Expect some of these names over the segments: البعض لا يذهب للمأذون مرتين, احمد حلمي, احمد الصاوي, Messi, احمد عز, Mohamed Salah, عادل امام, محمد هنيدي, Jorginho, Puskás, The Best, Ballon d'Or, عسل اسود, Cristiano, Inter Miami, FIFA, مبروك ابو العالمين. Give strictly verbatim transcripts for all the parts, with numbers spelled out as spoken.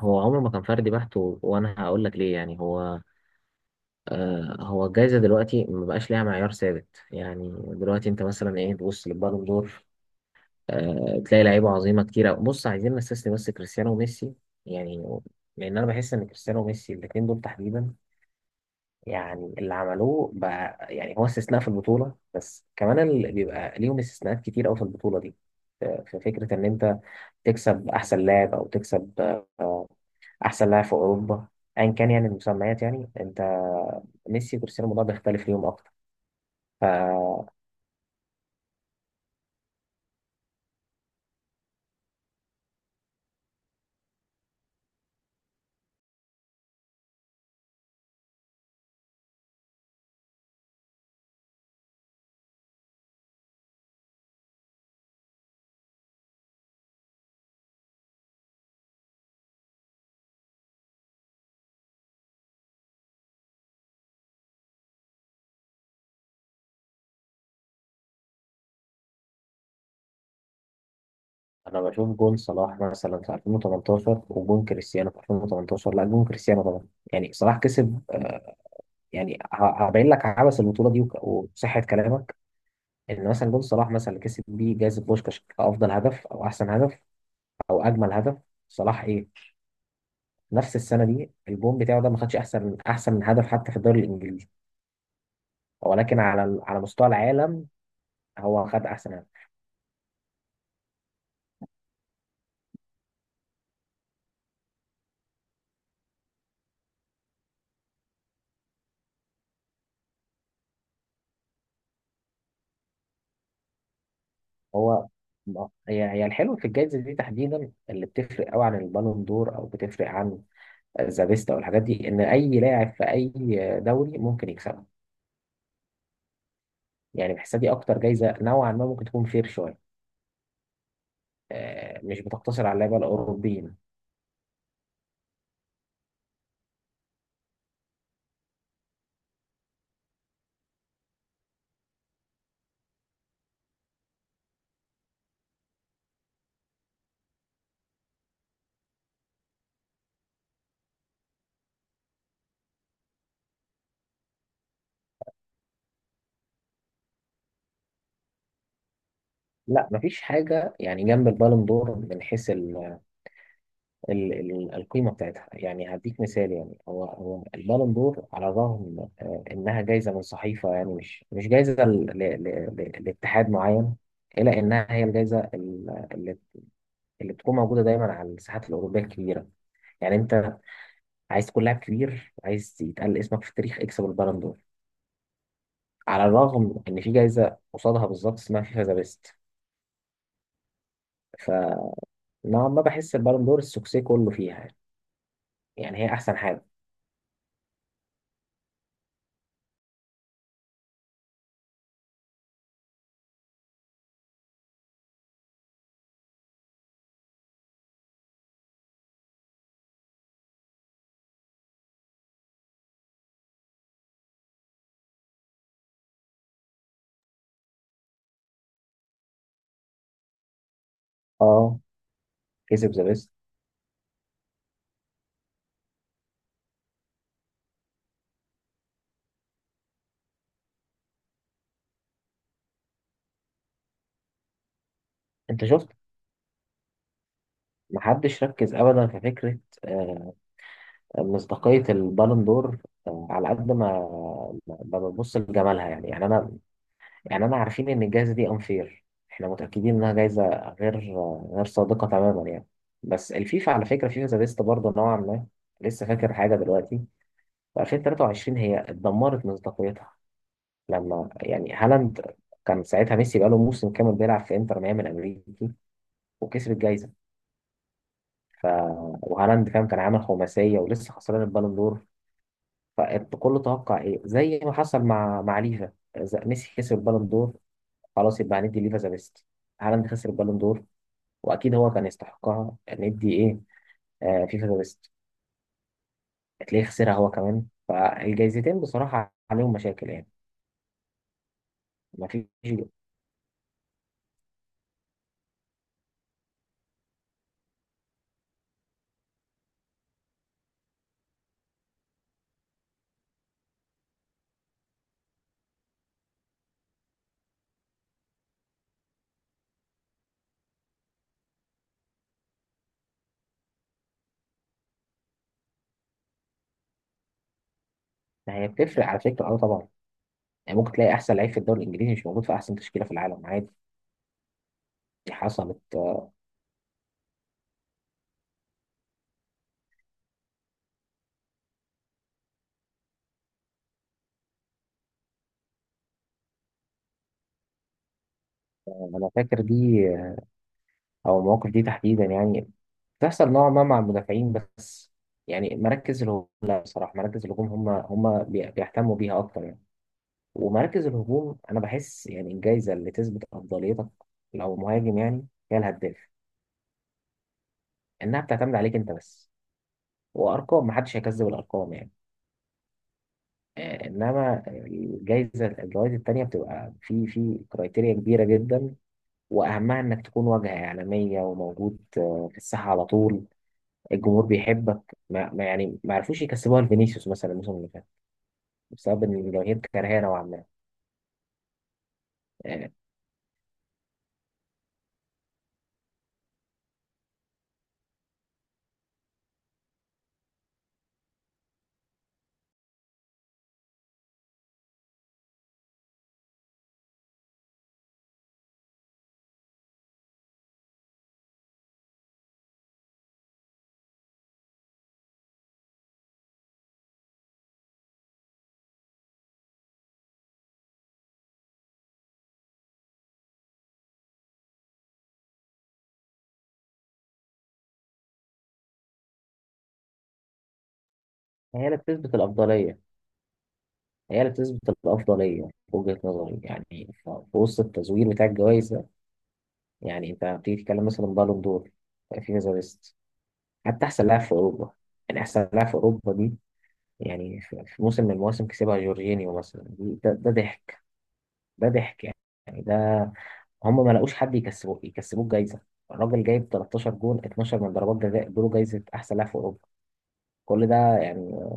هو عمره ما كان فردي بحت و- وانا هقول لك ليه. يعني هو آه هو الجائزه دلوقتي ما بقاش ليها معيار ثابت. يعني دلوقتي انت مثلا ايه، تبص للبالون دور، آه تلاقي لعيبه عظيمه كتير أوي. بص، عايزين نستثني بس كريستيانو وميسي، يعني لان انا بحس ان كريستيانو وميسي الاثنين دول تحديدا، يعني اللي عملوه بقى يعني هو استثناء في البطوله، بس كمان اللي بيبقى ليهم استثناءات كتير قوي في البطوله دي. آه، في فكره ان انت تكسب احسن لاعب او تكسب آه، احسن لاعب في اوروبا، ايا كان يعني المسميات. يعني انت ميسي وكريستيانو الموضوع بيختلف ليهم اكتر. فانا بشوف جون صلاح مثلا في ألفين وتمنتاشر، وجون كريستيانو في ألفين وتمنتاشر، لا جون كريستيانو طبعا. يعني صلاح كسب، يعني ه- هبين لك عبث البطوله دي وك- وصحه كلامك. ان مثلا جون صلاح مثلا اللي كسب بيه جائزه بوشكاش كافضل هدف او احسن هدف او اجمل هدف، صلاح ايه نفس السنه دي الجون بتاعه ده ما خدش احسن، احسن من هدف حتى في الدوري الانجليزي، ولكن على ال- على مستوى العالم هو خد احسن لاعب. هو هي هي الحلو في الجائزه دي تحديدا، اللي بتفرق قوي عن البالون دور او بتفرق عن ذا بيست او الحاجات دي، ان اي لاعب في اي دوري ممكن يكسبها. يعني بحسها دي اكتر جائزه نوعا ما ممكن تكون فير شويه، آه، مش بتقتصر على اللعيبه الاوروبيين. لا مفيش حاجه يعني جنب البالون دور من حيث ال- ال- القيمة بتاعتها. يعني هديك مثال، يعني هو هو البالون دور على الرغم آه، إنها جايزة من صحيفة، يعني مش مش جايزة ل- ل- ل- لاتحاد معين، إلا إنها هي الجايزة ال- اللي اللي بتكون موجودة دايما على الساحات الأوروبية الكبيرة. يعني أنت عايز تكون لاعب كبير، عايز يتقال اسمك في التاريخ، اكسب البالون دور. على الرغم إن في جايزة قصادها بالظبط اسمها فيفا ذا بيست، فنوعا ما بحس البالون دور السوكسي كله فيها. يعني هي أحسن حاجة. أه، كسب ذا بيست. انت شفت محدش ركز ابدا في فكره آه، مصداقيه البالون دور، آه، على قد ما ما ما ببص لجمالها. يعني يعني انا يعني انا عارفين ان الجائزه دي انفير، احنا متاكدين انها جائزه غير آه، غير صادقه تماما يعني. بس الفيفا على فكره، فيفا ذا بيست برضه نوعا ما، لسه فاكر حاجه دلوقتي، في ألفين وتلاتة وعشرين هي اتدمرت مصداقيتها. لما يعني هالاند، كان ساعتها ميسي بقاله موسم كامل بيلعب في انتر ميامي الامريكي وكسب الجائزه. ف وهالاند فاهم كان عامل خماسيه ولسه خسران البالون دور. فالكل توقع ايه زي ما حصل مع مع ليفا، إذا ميسي خسر البالون دور خلاص يبقى هندي ليفا ذا بيست. هالاند خسر البالون دور، واكيد هو كان يستحقها، ندي ايه؟ آه فيفا ذا بيست، هتلاقيه خسرها هو كمان. فالجايزتين بصراحه عليهم مشاكل يعني، ما فيش. هي بتفرق على فكره، اه طبعا. يعني ممكن تلاقي احسن لعيب في الدوري الانجليزي مش موجود في احسن تشكيله في العالم، عادي. دي حصلت، آه، انا فاكر دي، آه، او المواقف دي تحديدا يعني تحصل نوعا ما مع المدافعين بس. يعني مراكز الهجوم لا، بصراحة مراكز الهجوم هم هم بي- بيهتموا بيها أكتر يعني. ومراكز الهجوم أنا بحس يعني الجايزة اللي تثبت أفضليتك لو مهاجم يعني هي الهداف، إنها بتعتمد عليك أنت بس، وأرقام محدش هيكذب الأرقام يعني. آه، إنما الجايزة، الجوائز التانية بتبقى في في كرايتيريا كبيرة جدا، وأهمها إنك تكون واجهة إعلامية وموجود آه، في الساحة على طول. الجمهور بيحبك، ما ما يعني ما عرفوش يكسبوها لفينيسيوس مثلا الموسم اللي فات بسبب إن الجماهير كارهاه نوعا ما. آه، هي اللي بتثبت الأفضلية، هي اللي بتثبت الأفضلية في وجهة نظري. يعني ف- في وسط التزوير بتاع الجوائز ده، يعني أنت بتيجي تتكلم مثلا بالون دور في كذا ليست، حتى أحسن لاعب في أوروبا. يعني أحسن لاعب في أوروبا دي يعني في في موسم من المواسم كسبها جورجينيو مثلا، دي- ده ده ضحك، ده ضحك يعني. يعني ده هم ما لقوش حد يكسبوه، يكسبوه جايزة. الراجل جايب تلتاشر جول، اتناشر من ضربات جزاء، ادوله جايزة أحسن لاعب في أوروبا. كل ده يعني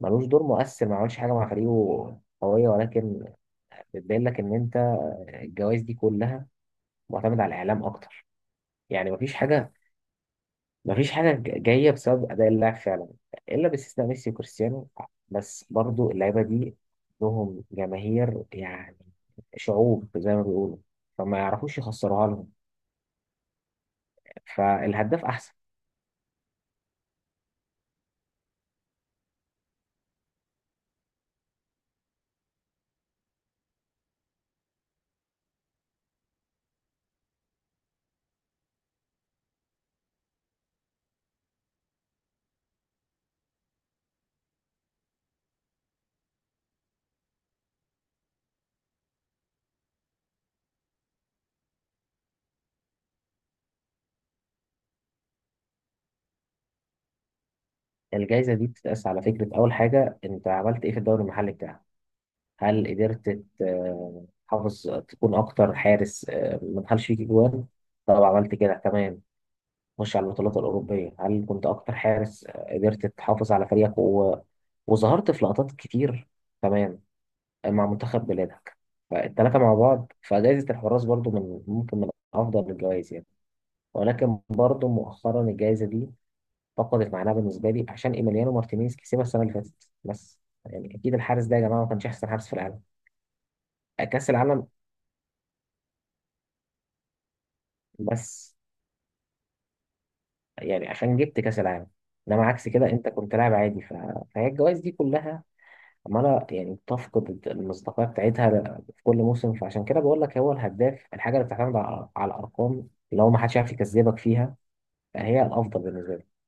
ملوش دور مؤثر، ما عملش حاجة مع فريقه قوية. ولكن بتبين لك إن أنت الجوائز دي كلها معتمدة على الإعلام أكتر. يعني مفيش حاجة، مفيش حاجة ج- جاية بسبب أداء اللاعب فعلا، إلا باستثناء ميسي وكريستيانو. بس برضو اللعيبة دي لهم جماهير يعني، شعوب زي ما بيقولوا، فما يعرفوش يخسروها لهم. فالهداف أحسن. الجايزة دي بتتقاس على فكرة، أول حاجة أنت عملت إيه في الدوري المحلي بتاعك؟ هل قدرت ت- تحافظ تكون أكتر حارس آه، ما دخلش فيك جوان؟ طب عملت كده، تمام، خش على البطولات الأوروبية، هل كنت أكتر حارس آه، قدرت تحافظ على فريقك و... وظهرت في لقطات كتير؟ تمام، مع منتخب بلادك. فالتلاتة مع بعض، فجائزة الحراس برضو من ممكن من أفضل الجوائز يعني. ولكن برضو مؤخرا الجائزة دي فقدت معناها بالنسبة لي عشان إيميليانو مارتينيز كسبها السنة اللي فاتت، بس يعني أكيد الحارس ده يا جماعة ما كانش أحسن حارس في العالم. كأس العالم بس، يعني عشان جبت كاس العالم. انما عكس كده انت كنت لاعب عادي. ف... فهي الجوائز دي كلها عماله يعني بتفقد المصداقيه بتاعتها في كل موسم. فعشان كده بقول لك هو الهداف الحاجه اللي بتعتمد على على الارقام، لو ما حدش يعرف يكذبك فيها فهي الافضل بالنسبه لي.